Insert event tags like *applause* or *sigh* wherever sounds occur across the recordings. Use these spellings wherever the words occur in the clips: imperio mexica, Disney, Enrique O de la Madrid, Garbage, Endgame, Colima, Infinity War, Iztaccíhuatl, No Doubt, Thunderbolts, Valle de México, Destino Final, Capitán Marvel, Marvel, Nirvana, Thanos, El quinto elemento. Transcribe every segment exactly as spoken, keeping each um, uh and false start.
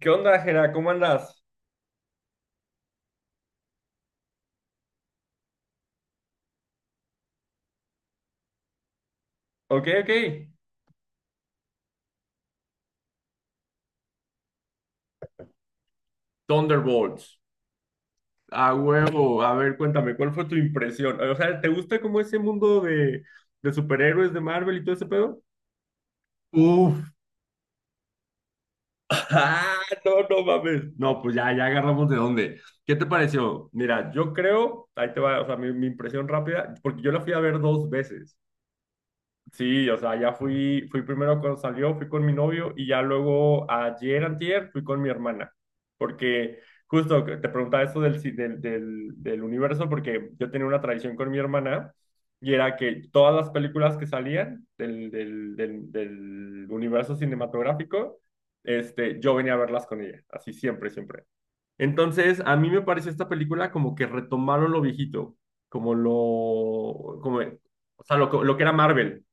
¿Qué onda, Jera? ¿Cómo andas? Ok, ok. Thunderbolts. A huevo. A ver, cuéntame, ¿cuál fue tu impresión? O sea, ¿te gusta como ese mundo de, de superhéroes de Marvel y todo ese pedo? Uf, *laughs* Ah, no, no mames. No, pues ya, ya agarramos de dónde. ¿Qué te pareció? Mira, yo creo, ahí te va, o sea, mi, mi impresión rápida, porque yo la fui a ver dos veces. Sí, o sea, ya fui, fui primero cuando salió, fui con mi novio y ya luego ayer, antier, fui con mi hermana. Porque justo que te preguntaba eso del, ci- del, del, del universo, porque yo tenía una tradición con mi hermana y era que todas las películas que salían del, del, del, del universo cinematográfico, este, yo venía a verlas con ella, así siempre, siempre. Entonces, a mí me pareció esta película como que retomaron lo viejito, como lo, como, o sea, lo, lo que era Marvel.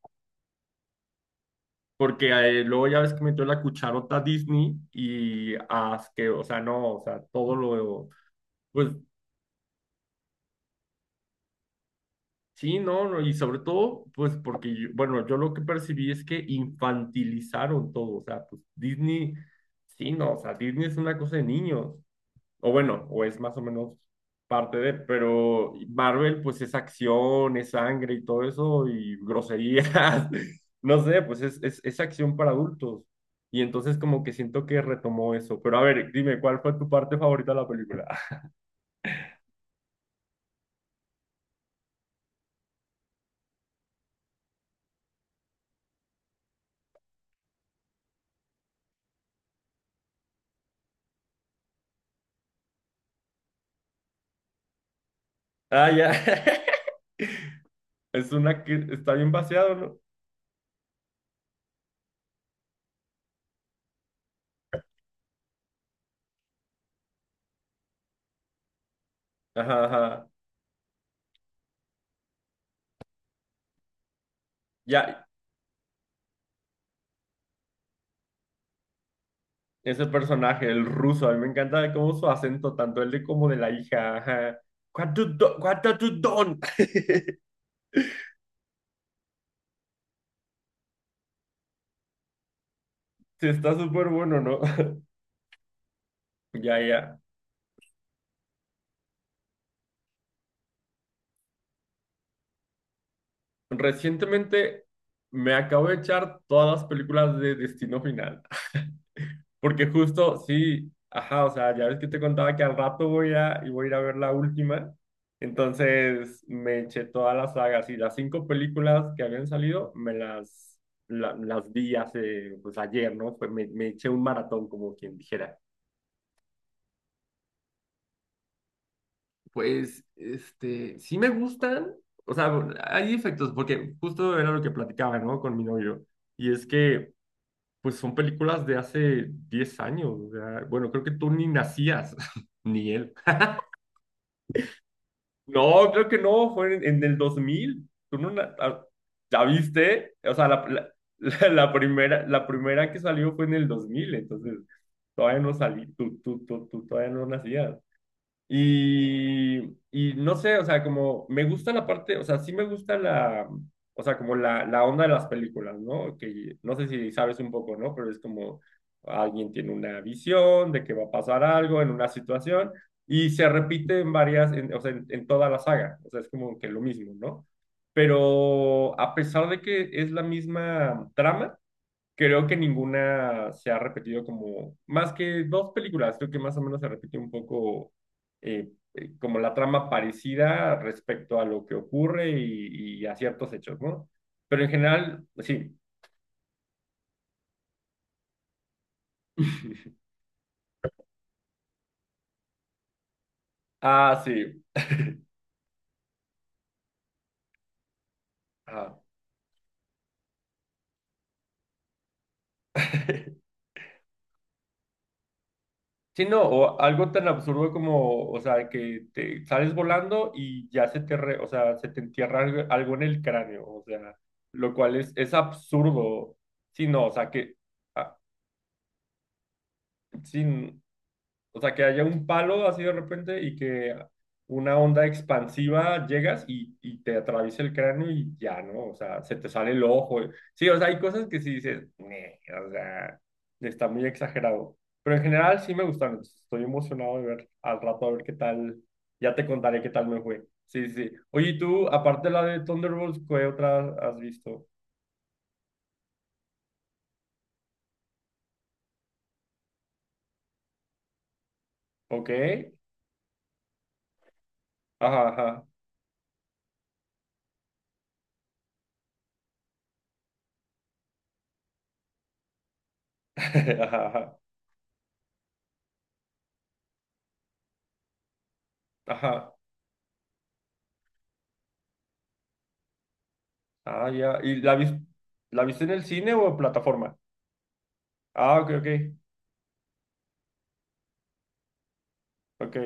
Porque eh, luego ya ves que metió la cucharota Disney y as que, o sea, no, o sea, todo lo, pues sí, no, no, y sobre todo, pues porque, yo- bueno, yo lo que percibí es que infantilizaron todo, o sea, pues Disney, sí, no, o sea, Disney es una cosa de niños. O bueno, o es más o menos parte de, pero Marvel pues es acción, es sangre y todo eso y groserías, *laughs* no sé, pues es, es, es acción para adultos. Y entonces como que siento que retomó eso. Pero a ver, dime, ¿cuál fue tu parte favorita de la película? *laughs* Ah, ya. *laughs* Es una que está bien vaciado, ¿no? Ajá, ajá. Ya, ese personaje, el ruso, a mí me encanta cómo su acento, tanto el de como de la hija. Ajá. What you do- what have you done? *laughs* Sí, está súper bueno, ¿no? Ya, ya. Recientemente me acabo de echar todas las películas de Destino Final. *laughs* Porque justo, sí, ajá, o sea, ya ves que te contaba que al rato voy a, y voy a ir a ver la última. Entonces me eché todas las sagas y las cinco películas que habían salido, me las, la- las vi hace, pues ayer, ¿no? Pues me, me eché un maratón, como quien dijera. Pues, este, sí me gustan, o sea, hay efectos, porque justo era lo que platicaba, ¿no? Con mi novio, y es que, pues son películas de hace diez años, o sea, bueno, creo que tú ni nacías, *laughs* ni él. No, creo que no, fue en, en el dos mil tú no, na- ah, ¿ya viste? O sea, la, la, *laughs* la- la primera, la primera que salió fue en el dos mil entonces, todavía no salí, tú, tú, tú, tú todavía no nacías. Y, y no sé, o sea, como me gusta la parte, o sea, sí me gusta la, o sea, como la, la onda de las películas, ¿no? Que no sé si sabes un poco, ¿no? Pero es como alguien tiene una visión de que va a pasar algo en una situación y se repite en varias, en- o sea, en, en toda la saga, o sea, es como que lo mismo, ¿no? Pero a pesar de que es la misma trama, creo que ninguna se ha repetido como, más que dos películas, creo que más o menos se repite un poco eh, eh, como la trama parecida respecto a lo que ocurre y, y a ciertos hechos, ¿no? Pero en general, sí. *laughs* Ah, sí. Ah. *laughs* Sí, no, o algo tan absurdo como, o sea, que te sales volando y ya se te, re- o sea, se te entierra algo, algo en el cráneo, o sea, lo cual es, es absurdo. Sí, no, o sea, que, ah, sí, o sea, que haya un palo así de repente y que una onda expansiva llegas y, y te atraviesa el cráneo y ya, ¿no? O sea, se te sale el ojo. Sí, o sea, hay cosas que sí dices, "Nee", o sea, está muy exagerado. Pero en general sí me gustaron. Entonces estoy emocionado de ver al rato a ver qué tal. Ya te contaré qué tal me fue. Sí, sí. Sí. Oye, ¿y tú, aparte de la de Thunderbolts, ¿qué otra has visto? ¿Ok? Ajá, ajá. *laughs* Ajá, ajá. Ajá. Ah, ya. ¿Y la, vis- la viste en el cine o en plataforma? Ah, ok, ok. Ok.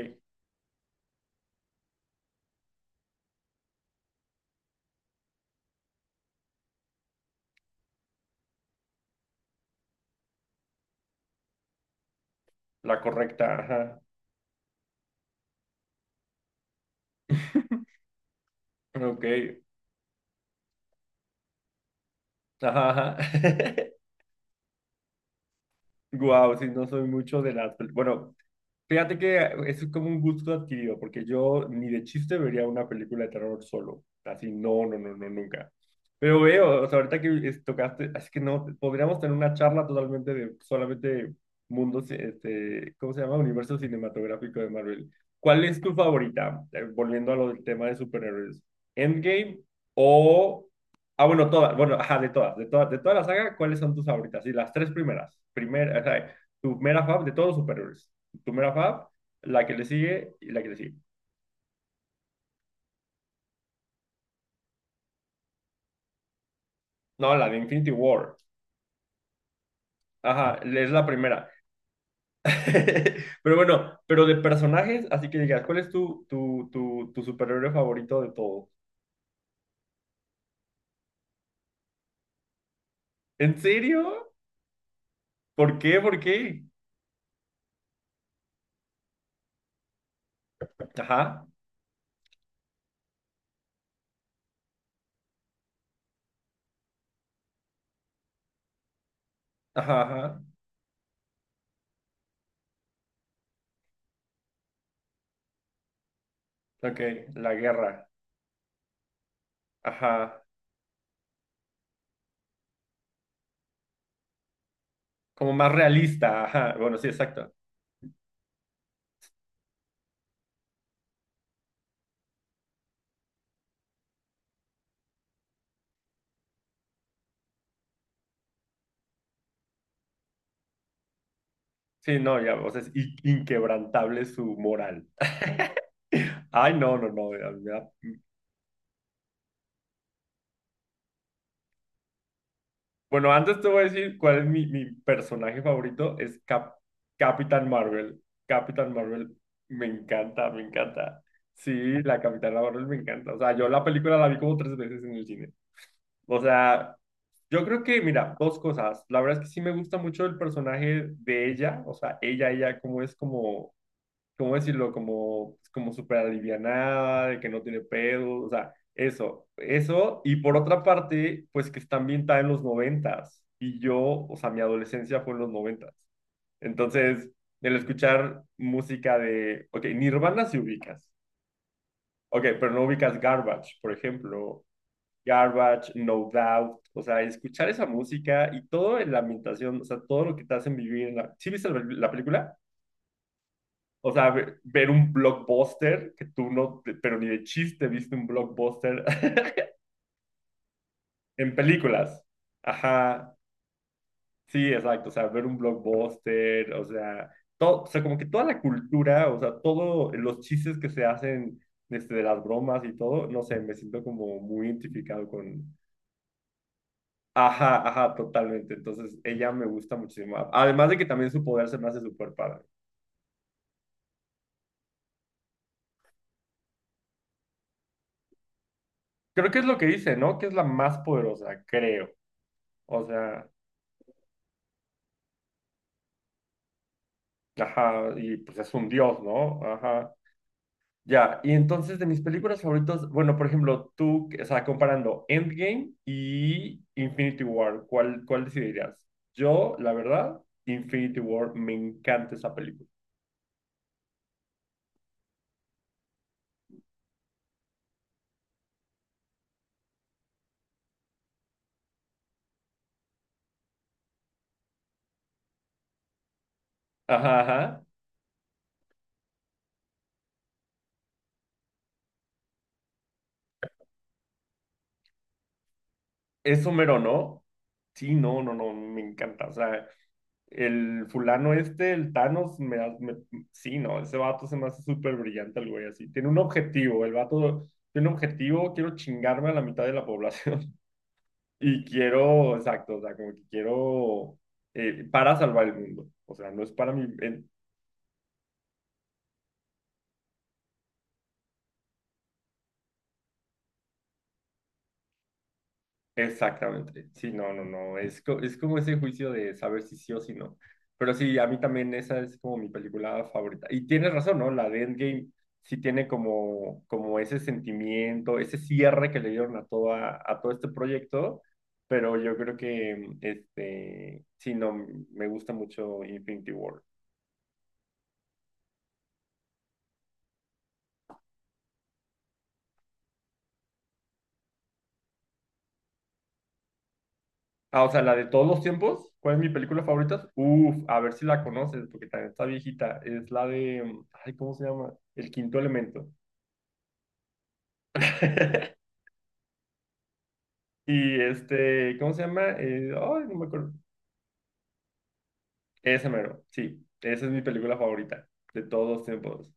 La correcta, ajá. Ok. Ajá, ajá. *laughs* Guau, sí, no soy mucho de las pel- bueno, fíjate que es como un gusto adquirido, porque yo ni de chiste vería una película de terror solo. Así, no, no, no, no, nunca. Pero veo, o sea, ahorita que es- tocaste, así que no, podríamos tener una charla totalmente de solamente mundos, este, ¿cómo se llama? Universo cinematográfico de Marvel. ¿Cuál es tu favorita? Eh, volviendo a lo del tema de superhéroes. ¿Endgame o... Ah, bueno, todas, bueno, ajá, de todas, de todas, de toda la saga, ¿cuáles son tus favoritas? Y las tres primeras, primera, o sea, tu mera fav de todos los superhéroes primera Fab, la que le sigue y la que le sigue. No, la de Infinity War. Ajá, es la primera. *laughs* Pero bueno, pero de personajes, así que digas, ¿cuál es tu, tu, tu, tu superhéroe favorito de todos? ¿En serio? ¿Por qué? ¿Por qué? Ajá, ajá, ajá. Ok, la guerra. Ajá. Como más realista. Ajá. Bueno, sí, exacto. Sí, no, ya, o sea, es in- inquebrantable su moral. *laughs* Ay, no, no, no, me da, bueno, antes te voy a decir cuál es mi, mi personaje favorito, es Cap- Capitán Marvel. Capitán Marvel me encanta, me encanta. Sí, la Capitana Marvel me encanta. O sea, yo la película la vi como tres veces en el cine. O sea, yo creo que, mira, dos cosas. La verdad es que sí me gusta mucho el personaje de ella, o sea, ella, ella, cómo es como ¿cómo decirlo? Como, como súper alivianada, de que no tiene pedos, o sea, eso, eso. Y por otra parte, pues que está ambientada en los noventas. Y yo, o sea, mi adolescencia fue en los noventas. Entonces, el escuchar música de, ok, Nirvana si ubicas, ok, pero no ubicas Garbage, por ejemplo. Garbage, No Doubt, o sea, escuchar esa música y todo en la ambientación, o sea, todo lo que te hacen vivir en la... ¿Sí viste la la película? O sea, ve- ver un blockbuster que tú no, pero ni de chiste viste un blockbuster *laughs* en películas. Ajá, sí, exacto. O sea, ver un blockbuster, o sea, todo, o sea, como que toda la cultura, o sea, todos los chistes que se hacen este, de las bromas y todo, no sé, me siento como muy identificado con... Ajá, ajá, totalmente. Entonces, ella me gusta muchísimo. Además de que también su poder se me hace súper padre. Creo que es lo que dice, ¿no? Que es la más poderosa, creo. O sea... Ajá, y pues es un dios, ¿no? Ajá. Ya, y entonces de mis películas favoritas, bueno, por ejemplo, tú, o sea, comparando Endgame y Infinity War, ¿cuál, cuál decidirías? Yo, la verdad, Infinity War, me encanta esa película. Ajá, ajá. Es Homero, ¿no? Sí, no, no, no, me encanta. O sea, el fulano este, el Thanos, me, ha- me- sí, no, ese vato se me hace súper brillante el güey así. Tiene un objetivo, el vato tiene un objetivo, quiero chingarme a la mitad de la población. Y quiero, exacto, o sea, como que quiero eh, para salvar el mundo. O sea, no es para mí, en- exactamente. Sí, no, no, no. Es, co- es como ese juicio de saber si sí o si no. Pero sí, a mí también esa es como mi película favorita. Y tienes razón, ¿no? La de Endgame sí tiene como, como ese sentimiento, ese cierre que le dieron a, toda, a todo este proyecto. Pero yo creo que, este, sí, no, me gusta mucho Infinity War. Ah, o sea, la de todos los tiempos. ¿Cuál es mi película favorita? Uf, a ver si la conoces, porque también está viejita. Es la de, mm, ay, ¿cómo se llama? El quinto elemento. *laughs* Y este, ¿cómo se llama? Eh, ay, no me acuerdo. Ese mero, sí. Esa es mi película favorita de todos los tiempos.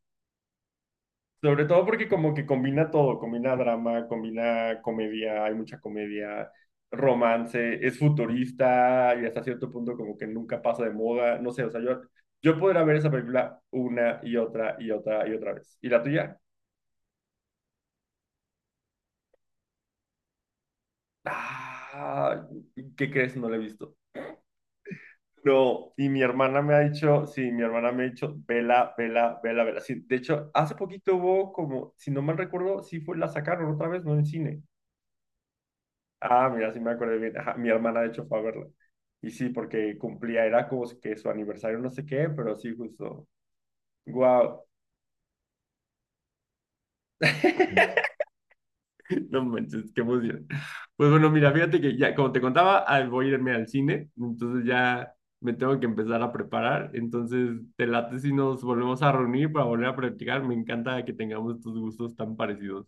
Sobre todo porque como que combina todo, combina drama, combina comedia, hay mucha comedia, romance, es futurista y hasta cierto punto como que nunca pasa de moda, no sé, o sea, yo, yo podría ver esa película una y otra y otra y otra vez. ¿Y la tuya? Ah, ¿qué crees? No la he visto. No, y mi hermana me ha dicho, sí, mi hermana me ha dicho, vela, vela, vela, vela. Sí, de hecho, hace poquito hubo como, si no mal recuerdo, sí fue, la sacaron otra vez, no en cine. Ah, mira, sí me acuerdo bien. Ajá, mi hermana, de hecho, fue a verla. Y sí, porque cumplía, era como que su aniversario, no sé qué, pero sí, justo. Wow. *laughs* No manches, qué emoción. Pues bueno, mira, fíjate que ya, como te contaba, ah, voy a irme al cine, entonces ya me tengo que empezar a preparar. Entonces, te late si nos volvemos a reunir para volver a practicar. Me encanta que tengamos estos gustos tan parecidos.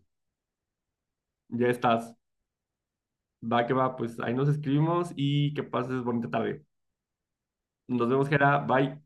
Ya estás. Va que va, pues ahí nos escribimos y que pases bonita tarde. Nos vemos, Jera. Bye.